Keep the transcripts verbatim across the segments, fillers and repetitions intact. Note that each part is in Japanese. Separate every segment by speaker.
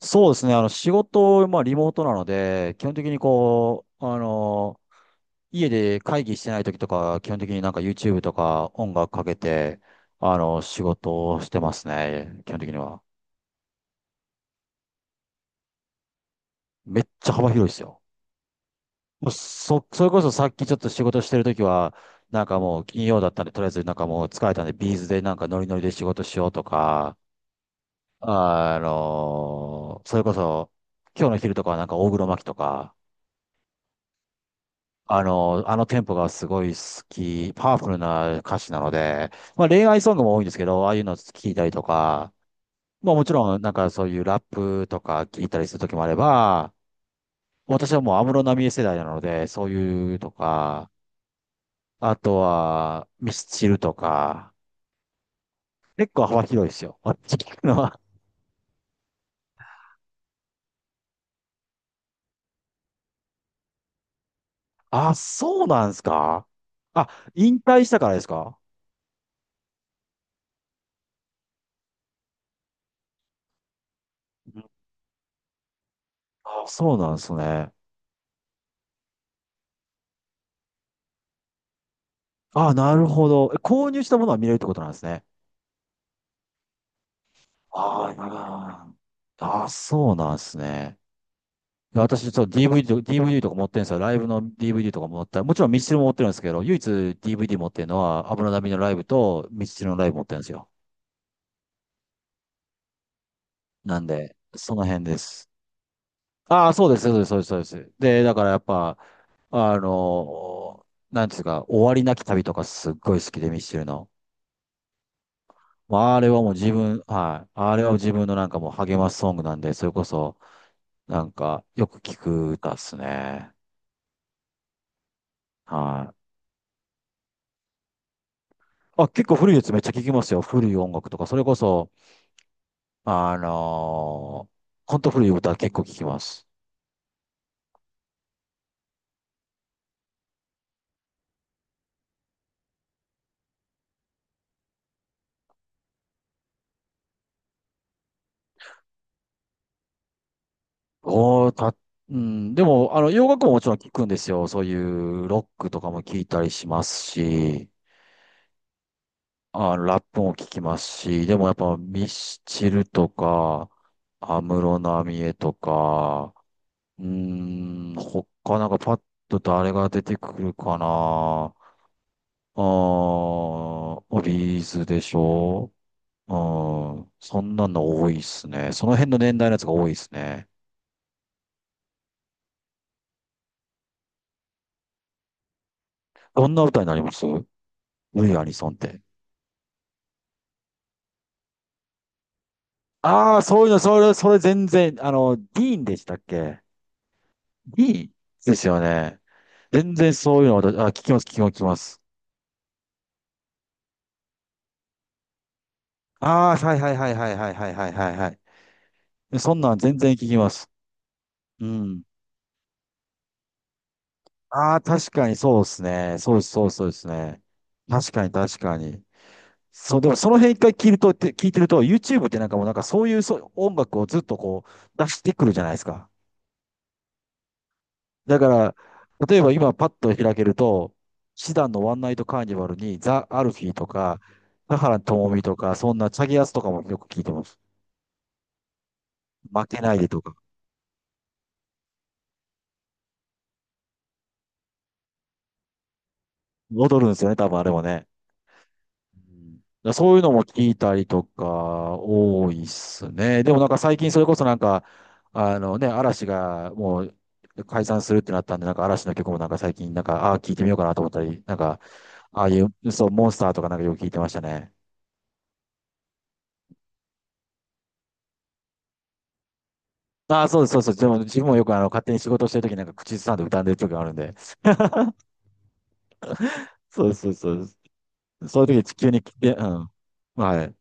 Speaker 1: そうですね。あの、仕事、まあ、リモートなので、基本的にこう、あの、家で会議してない時とか、基本的になんか YouTube とか音楽かけて、あの、仕事をしてますね。基本的には。めっちゃ幅広いですよ。もうそ、それこそさっきちょっと仕事してる時は、なんかもう金曜だったんで、とりあえずなんかもう疲れたんで、ビーズでなんかノリノリで仕事しようとか、あの、それこそ、今日の昼とかはなんか大黒摩季とか、あの、あのテンポがすごい好き、パワフルな歌詞なので、まあ恋愛ソングも多いんですけど、ああいうの聞いたりとか、まあもちろんなんかそういうラップとか聞いたりする時もあれば、私はもう安室奈美恵世代なので、そういうとか、あとはミスチルとか、結構幅広いですよ。私聞くのは。あ、そうなんですか。あ、引退したからですか。うん。あ、そうなんですね。あ、なるほど。え、購入したものは見れるってことなんですね。ああ、なるほど。あ、あそうなんですね。いや私、ちょっと ディーブイディー と、ディーブイディー とか持ってるんですよ。ライブの DVD とか持った、もちろんミスチルも持ってるんですけど、唯一 ディーブイディー 持ってるのは、安室奈美のライブとミスチルのライブ持ってるんですよ。なんで、その辺です。ああ、そうです、そうです、そうです、そうです。で、だからやっぱ、あのー、なんていうんですか、終わりなき旅とかすっごい好きで、ミスチルの。まあ、あれはもう自分、はい。あれは自分のなんかもう励ますソングなんで、それこそ、なんか、よく聞く歌っすね。はい。あ、結構古いやつめっちゃ聞きますよ。古い音楽とか、それこそ、あのー、ほんと古い歌結構聞きます。おー、た、うん、でも、あの、洋楽ももちろん聞くんですよ。そういうロックとかも聞いたりしますし、あ、ラップも聞きますし、でもやっぱミスチルとか、安室奈美恵とか、うーん、他なんかパッと誰が出てくるかな。あー、ビーズでしょ。うん。そんなの多いっすね。その辺の年代のやつが多いっすね。どんな歌になりますル、イ・アニソンって。ああ、そういうの、それ、それ全然、あの、ディーンでしたっけ。ディーンですよね。全然そういうの私、あ、聞きます、聞きます、聞きます。ああ、はいはいはいはいはいはいはいはいはい。そんなん全然聞きます。うん。ああ、確かにそうですね。そうです、そうですそうですね。確かに確かに。そう、でもその辺一回聞いると、って聞いてると、YouTube ってなんかもうなんかそういうそう音楽をずっとこう出してくるじゃないですか。だから、例えば今パッと開けると、シダンのワンナイトカーニバルにザ・アルフィーとか、田原智美とか、そんなチャギアスとかもよく聞いてます。負けないでとか。踊るんですよね、多分あれもね。うん。だからそういうのも聞いたりとか、多いっすね。でもなんか最近それこそなんか、あのね、嵐がもう解散するってなったんで、なんか嵐の曲もなんか最近なんか、ああ、聞いてみようかなと思ったり、なんか、ああいう、そう、モンスターとかなんかよく聞いてましたね。ああ、そうです、そうです。でも自分もよくあの、勝手に仕事してるときなんか口ずさんで歌んでる時があるんで。そうです、そうです。そうです、そういう時急に聞いて、うん。はい。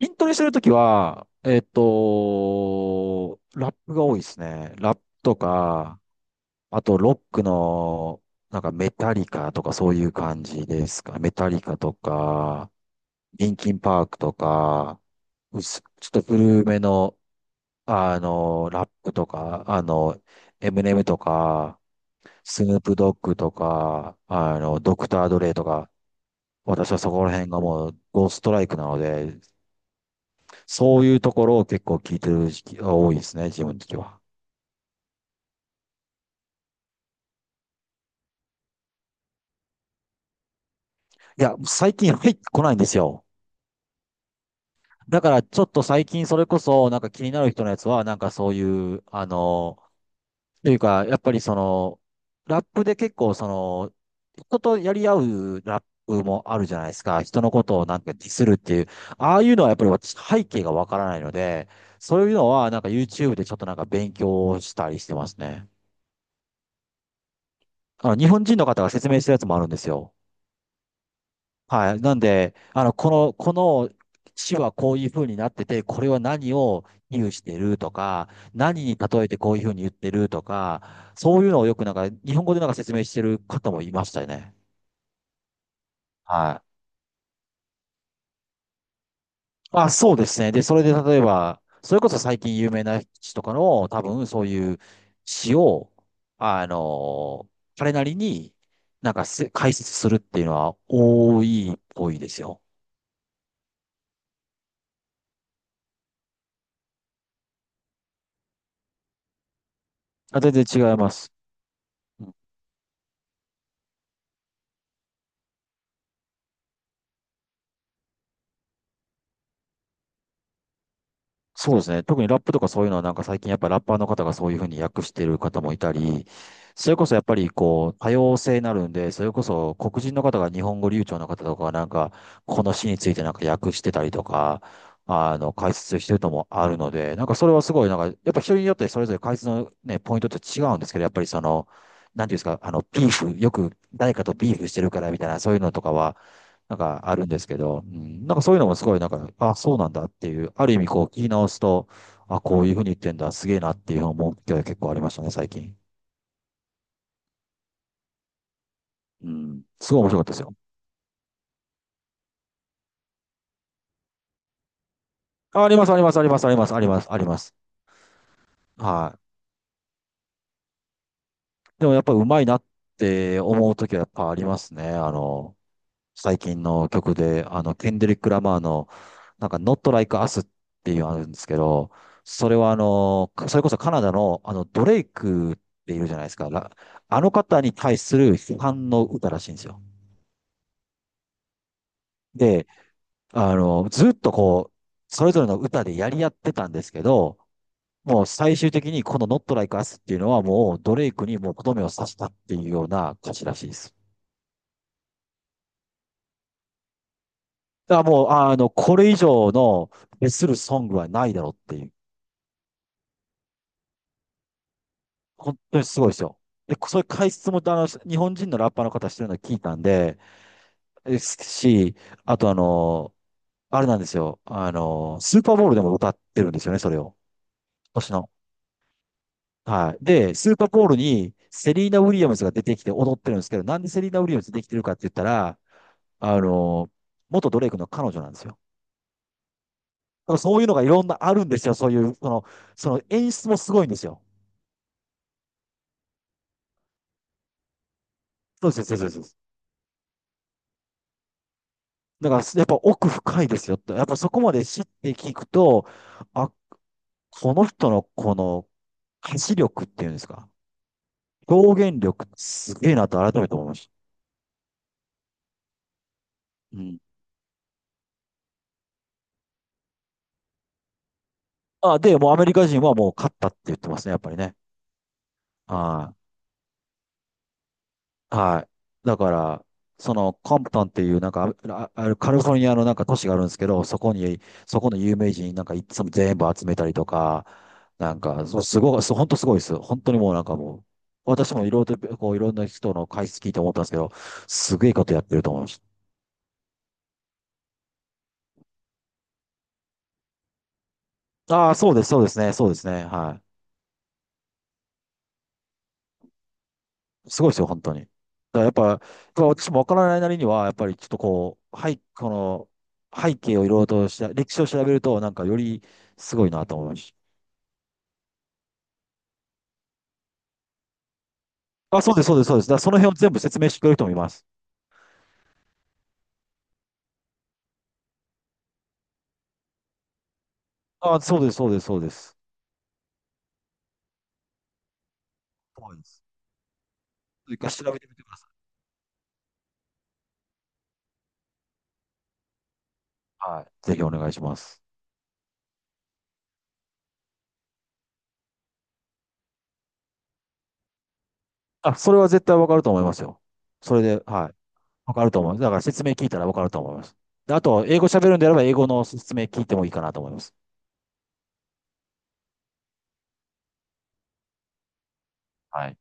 Speaker 1: 筋トレしてるときは、えっと、ラップが多いですね。ラップとか、あと、ロックの、なんかメタリカとかそういう感じですか。メタリカとか、リンキンパークとか、うす、ちょっと古めの、あの、ラップとか、あの、エムネムとか、スヌープドッグとか、あの、ドクター・ドレイとか、私はそこら辺がもうゴーストライクなので、そういうところを結構聞いてる時期が多いですね、自分的には。いや、最近入ってこないんですよ。だからちょっと最近それこそなんか気になる人のやつはなんかそういう、あの、というかやっぱりその、ラップで結構その、人とやり合うラップもあるじゃないですか。人のことをなんかディスるっていう。ああいうのはやっぱり私背景がわからないので、そういうのはなんか YouTube でちょっとなんか勉強したりしてますね。あの、日本人の方が説明してるやつもあるんですよ。はい。なんで、あの、この、この市はこういう風になってて、これは何を比喩してるとか、何に例えてこういう風に言ってるとか、そういうのをよくなんか、日本語でなんか説明してる方もいましたよね。はい。あ、そうですね。で、それで例えば、それこそ最近有名な詩とかの、多分そういう詩を、あの、彼なりになんかせ解説するっていうのは多いっぽいですよ。あ、全然違います。そうですね。特にラップとかそういうのはなんか最近やっぱラッパーの方がそういうふうに訳してる方もいたり、それこそやっぱりこう多様性になるんで、それこそ黒人の方が日本語流暢な方とかはなんかこの詩についてなんか訳してたりとか、あの解説してるともあるので、なんかそれはすごいなんかやっぱ人によってそれぞれ解説のね、ポイントって違うんですけど、やっぱりその、なんていうんですか、あの、ビーフ、よく誰かとビーフしてるからみたいな、そういうのとかは、なんかあるんですけど、うん、なんかそういうのもすごいなんか、あ、そうなんだっていう、ある意味こう聞き直すと、あ、こういうふうに言ってんだ、すげえなっていう思う機会が結構ありましたね、最近。うん。すごい面白かったですよ。あ、あります、あります、あります、あります、あります、あります。はい。でもやっぱうまいなって思うときはやっぱありますね。あの、最近の曲で、あの、ケンドリック・ラマーの、なんか、Not Like Us っていうのあるんですけど、それはあの、それこそカナダの、あの、ドレイクっているじゃないですか。らあの方に対する批判の歌らしいんですよ。で、あの、ずっとこう、それぞれの歌でやり合ってたんですけど、もう最終的にこの Not Like Us っていうのはもうドレイクにもうとどめを刺したっていうような歌詞らしいです。だからもう、あの、これ以上の、別するソングはないだろうっていう。本当にすごいですよ。で、そういう解説も、あの、日本人のラッパーの方してるの聞いたんで、ですし、あとあの、あれなんですよ。あの、スーパーボールでも歌ってるんですよね、それを。今年の。はい。で、スーパーボールにセリーナ・ウィリアムズが出てきて踊ってるんですけど、なんでセリーナ・ウィリアムズできてるかって言ったら、あの、元ドレイクの彼女なんですよ。だからそういうのがいろんなあるんですよ。そういう、その、その演出もすごいんですよ。そうです、そうです、そうです。だから、やっぱ奥深いですよって。やっぱそこまで知って聞くと、あ、この人のこの歌詞力っていうんですか。表現力すげえなと改めて思いました。うん。あ、で、もうアメリカ人はもう勝ったって言ってますね、やっぱりね。はい。はい。だから、そのコンプトンっていうなんかあ、ああるカリフォルニアのなんか都市があるんですけど、そこに、そこの有名人なんかいつも全部集めたりとか、なんか、そうすごい、そう、本当すごいです。本当にもうなんかもう、私もいろいろと、こういろんな人の解説聞いて思ったんですけど、すげえことやってると思いました。ああ、そうです、そうですね、そうですね、はい。すごいですよ、本当に。だからやっぱ、やっぱ私もわからないなりには、やっぱりちょっとこう、はい、この、背景をいろいろとした、歴史を調べると、なんかよりすごいなと思いました。あ、そうです、そうです、そうです。だからその辺を全部説明してくれる人もいます。あ、そうです、そうです、そうです。そうです。一回調べてみてください。はい。ぜひお願いします。あ、それは絶対わかると思いますよ。それで、はい。わかると思います。だから説明聞いたらわかると思います。で、あと、英語喋るんであれば、英語の説明聞いてもいいかなと思います。はい。